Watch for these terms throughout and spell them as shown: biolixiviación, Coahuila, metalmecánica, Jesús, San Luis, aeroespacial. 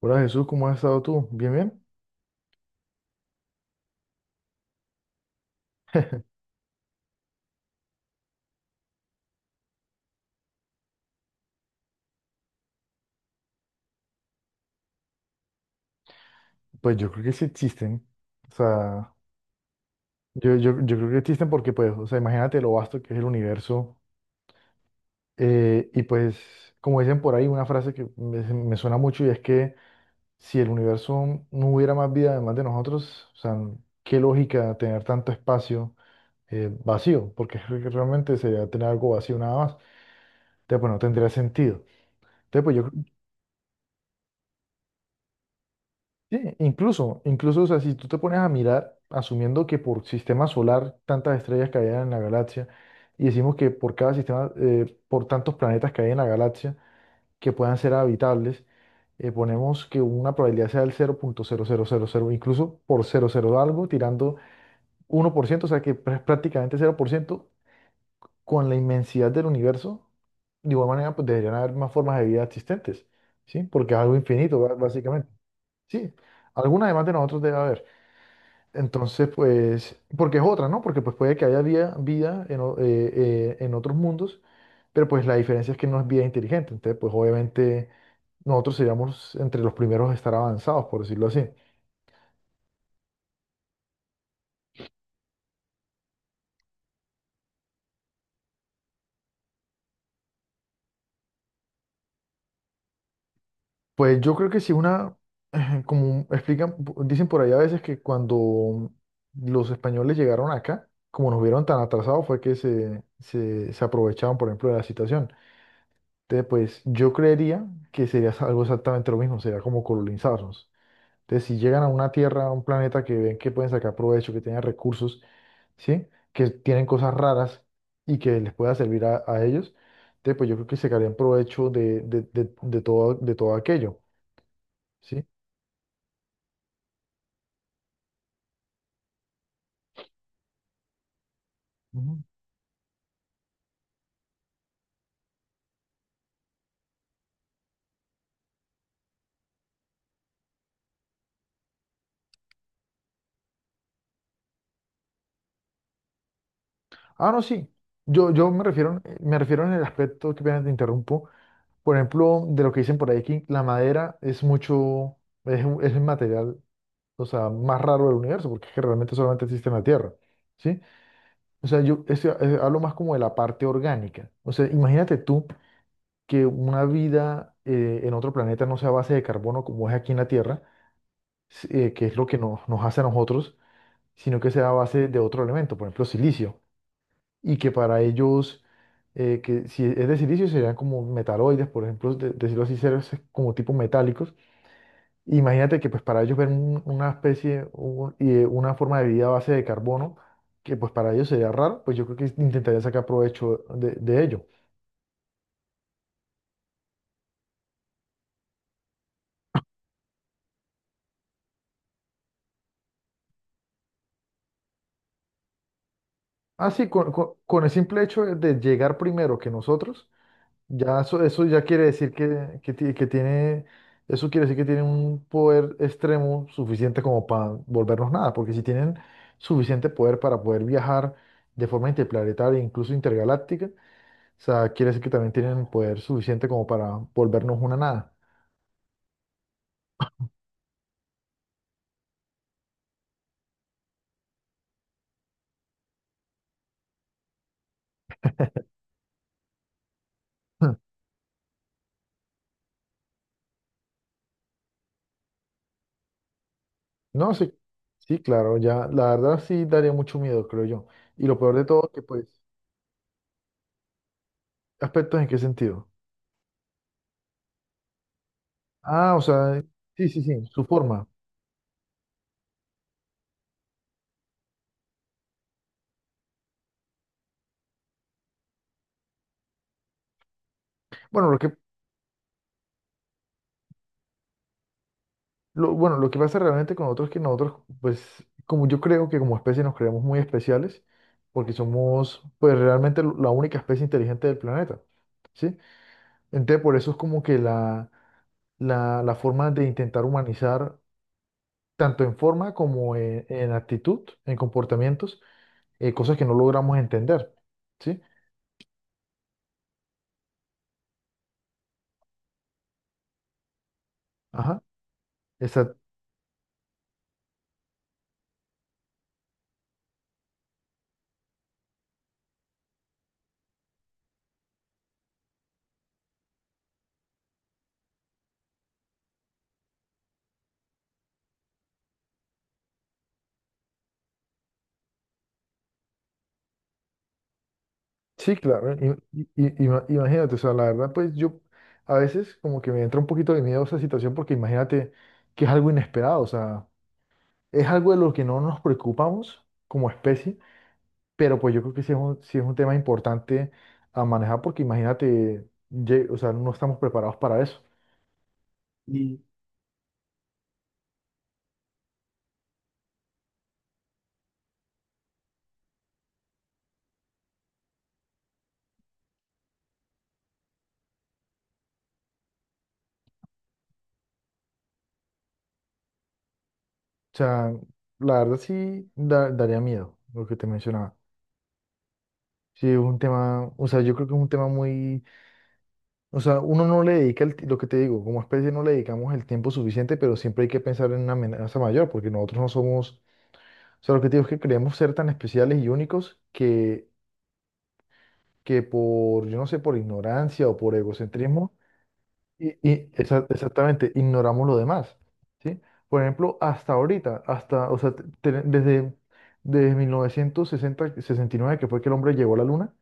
Hola Jesús, ¿cómo has estado tú? ¿Bien, bien? Pues yo creo que sí existen. O sea, yo creo que existen porque, pues, o sea, imagínate lo vasto que es el universo. eh, y pues, Como dicen por ahí, una frase que me suena mucho, y es que si el universo no hubiera más vida además de nosotros, o sea, qué lógica tener tanto espacio vacío, porque es que realmente sería tener algo vacío nada más. Entonces, pues no tendría sentido. Entonces, pues yo creo. Sí, incluso, o sea, si tú te pones a mirar, asumiendo que por sistema solar tantas estrellas caían en la galaxia, y decimos que por cada sistema, por tantos planetas que hay en la galaxia que puedan ser habitables, ponemos que una probabilidad sea del cero punto cero cero cero punto cero, incluso por cero coma cero algo, tirando uno por ciento, o sea que prácticamente cero por ciento, con la inmensidad del universo, de igual manera, pues deberían haber más formas de vida existentes, ¿sí? Porque es algo infinito, básicamente. Sí, alguna además de nosotros debe haber. Entonces, pues, porque es otra, ¿no? Porque pues puede que haya vida, vida en, en otros mundos, pero pues la diferencia es que no es vida inteligente. Entonces, pues obviamente nosotros seríamos entre los primeros a estar avanzados, por decirlo así. Pues yo creo que si una, como explican, dicen por ahí a veces que cuando los españoles llegaron acá, como nos vieron tan atrasados, fue que se aprovechaban, por ejemplo, de la situación. Entonces, pues yo creería que sería algo exactamente lo mismo, sería como colonizarnos. Entonces, si llegan a una tierra, a un planeta que ven que pueden sacar provecho, que tienen recursos, ¿sí? Que tienen cosas raras y que les pueda servir a ellos, entonces, pues yo creo que sacarían provecho de todo, de todo aquello, ¿sí? Ujú. Ah, no, sí. Yo me refiero en el aspecto, que apenas te interrumpo. Por ejemplo, de lo que dicen por ahí, que la madera es mucho, es, es el material, o sea, más raro del universo, porque es que realmente solamente existe en la Tierra, ¿sí? O sea, yo este, hablo más como de la parte orgánica. O sea, imagínate tú que una vida en otro planeta no sea a base de carbono como es aquí en la Tierra, que es lo que nos, nos hace a nosotros, sino que sea a base de otro elemento, por ejemplo, silicio. Y que para ellos, que si es de silicio, serían como metaloides, por ejemplo, decirlo así, seres como tipo metálicos. Imagínate que pues para ellos ver una especie una forma de vida a base de carbono, que pues para ellos sería raro, pues yo creo que intentarían sacar provecho de ello. Así, con el simple hecho de llegar primero que nosotros. Ya eso ya quiere decir que tiene, eso quiere decir que tiene un poder extremo suficiente como para volvernos nada, porque si tienen suficiente poder para poder viajar de forma interplanetaria, incluso intergaláctica, o sea, quiere decir que también tienen poder suficiente como para volvernos una nada. No, sí, sí, claro, ya, la verdad sí daría mucho miedo, creo yo. Y lo peor de todo, que pues, ¿aspectos en qué sentido? Ah, o sea, sí, sí, sí, su forma. Bueno, lo que bueno, lo que pasa realmente con nosotros es que nosotros, pues, como yo creo que como especie nos creemos muy especiales, porque somos, pues, realmente la única especie inteligente del planeta, ¿sí? Entonces, por eso es como que la forma de intentar humanizar, tanto en forma como en actitud, en comportamientos, cosas que no logramos entender, ¿sí? Ajá. Sí, claro. Imagínate, o sea, la verdad, pues yo a veces como que me entra un poquito de miedo esa situación, porque imagínate que es algo inesperado, o sea, es algo de lo que no nos preocupamos como especie, pero pues yo creo que sí es un tema importante a manejar, porque imagínate, o sea, no estamos preparados para eso. Y, o sea, la verdad sí daría miedo lo que te mencionaba. Sí, es un tema, o sea, yo creo que es un tema muy. O sea, uno no le dedica el lo que te digo, como especie no le dedicamos el tiempo suficiente, pero siempre hay que pensar en una amenaza mayor, porque nosotros no somos, o sea, lo que te digo es que creemos ser tan especiales y únicos que por, yo no sé, por ignorancia o por egocentrismo, y exactamente, ignoramos lo demás, ¿sí? Por ejemplo, hasta ahorita, hasta, o sea, desde, desde 1969, que fue que el hombre llegó a la luna,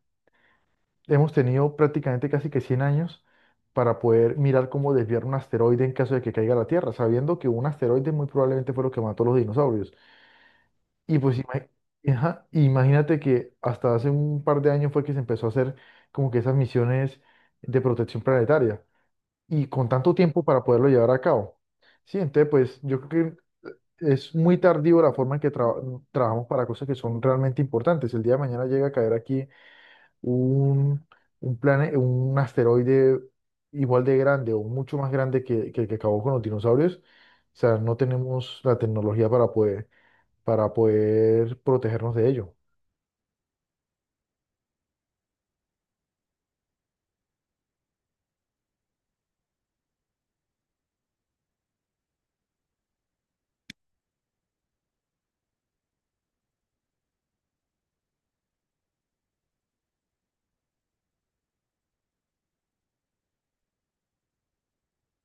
hemos tenido prácticamente casi que 100 años para poder mirar cómo desviar un asteroide en caso de que caiga a la Tierra, sabiendo que un asteroide muy probablemente fue lo que mató a los dinosaurios. Y pues imagínate que hasta hace un par de años fue que se empezó a hacer como que esas misiones de protección planetaria, y con tanto tiempo para poderlo llevar a cabo. Sí, entonces pues yo creo que es muy tardío la forma en que trabajamos para cosas que son realmente importantes. El día de mañana llega a caer aquí un, un asteroide igual de grande o mucho más grande que el que acabó con los dinosaurios, o sea, no tenemos la tecnología para poder protegernos de ello.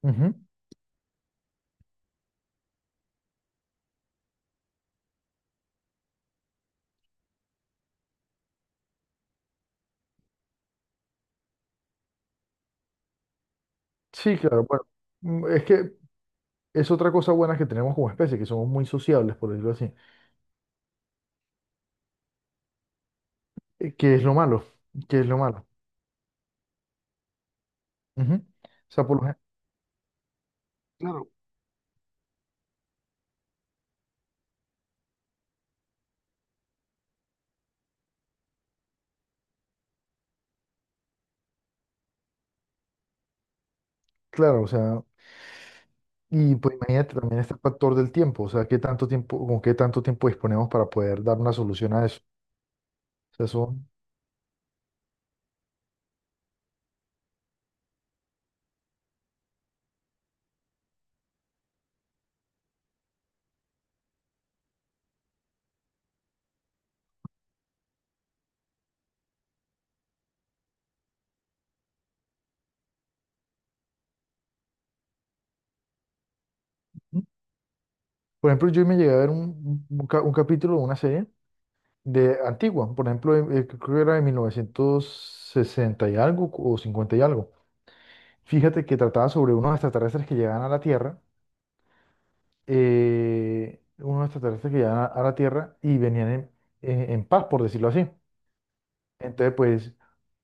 Ujú. Sí, claro, bueno, es que es otra cosa buena que tenemos como especie, que somos muy sociables, por decirlo así, que es lo malo, que es lo malo. Ujú. O sea, claro. Claro, o sea, y pues imagínate también este factor del tiempo, o sea, qué tanto tiempo, con qué tanto tiempo disponemos para poder dar una solución a eso. sea, son- ¿No? Por ejemplo, yo me llegué a ver un, un capítulo de una serie de antigua, por ejemplo, creo que era de 196 o 50 y algo. Fíjate que trataba sobre unos extraterrestres que llegaban a la Tierra, unos extraterrestres que llegaban a la Tierra, y venían en, en paz, por decirlo así. Entonces, pues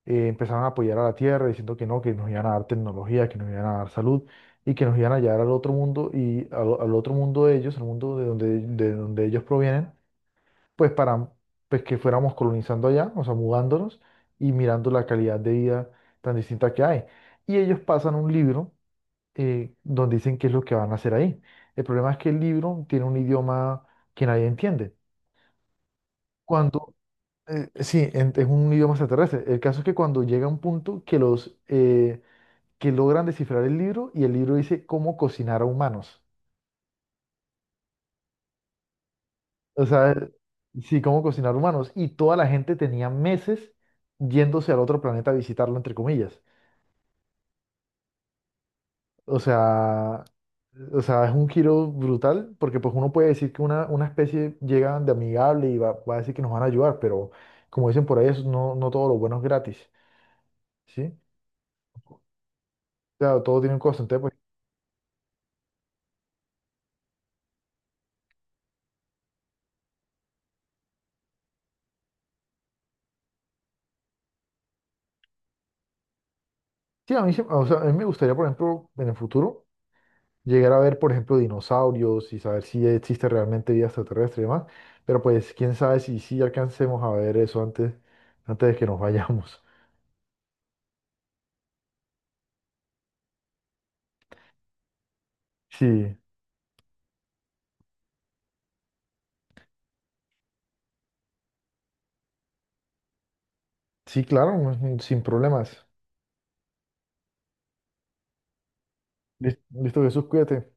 empezaron a apoyar a la Tierra diciendo que no, que nos iban a dar tecnología, que nos iban a dar salud, y que nos iban a llevar al otro mundo y al, al otro mundo de ellos, al mundo de donde ellos provienen, pues para pues que fuéramos colonizando allá, o sea, mudándonos y mirando la calidad de vida tan distinta que hay. Y ellos pasan un libro donde dicen qué es lo que van a hacer ahí. El problema es que el libro tiene un idioma que nadie entiende. Cuando, sí, es un idioma extraterrestre. El caso es que cuando llega un punto que los que logran descifrar el libro, y el libro dice cómo cocinar a humanos. O sea, sí, cómo cocinar humanos. Y toda la gente tenía meses yéndose al otro planeta a visitarlo, entre comillas. O sea, o sea, es un giro brutal, porque pues uno puede decir que una especie llega de amigable y va a decir que nos van a ayudar, pero como dicen por ahí, eso no, no todo lo bueno es gratis, ¿sí? Claro, todo tiene un costo. Entonces, pues, sí, a mí, o sea, a mí me gustaría, por ejemplo, en el futuro llegar a ver, por ejemplo, dinosaurios y saber si existe realmente vida extraterrestre y demás. Pero pues, quién sabe si sí alcancemos a ver eso antes, antes de que nos vayamos. Sí, sí, claro, sin problemas. Listo, Jesús, cuídate.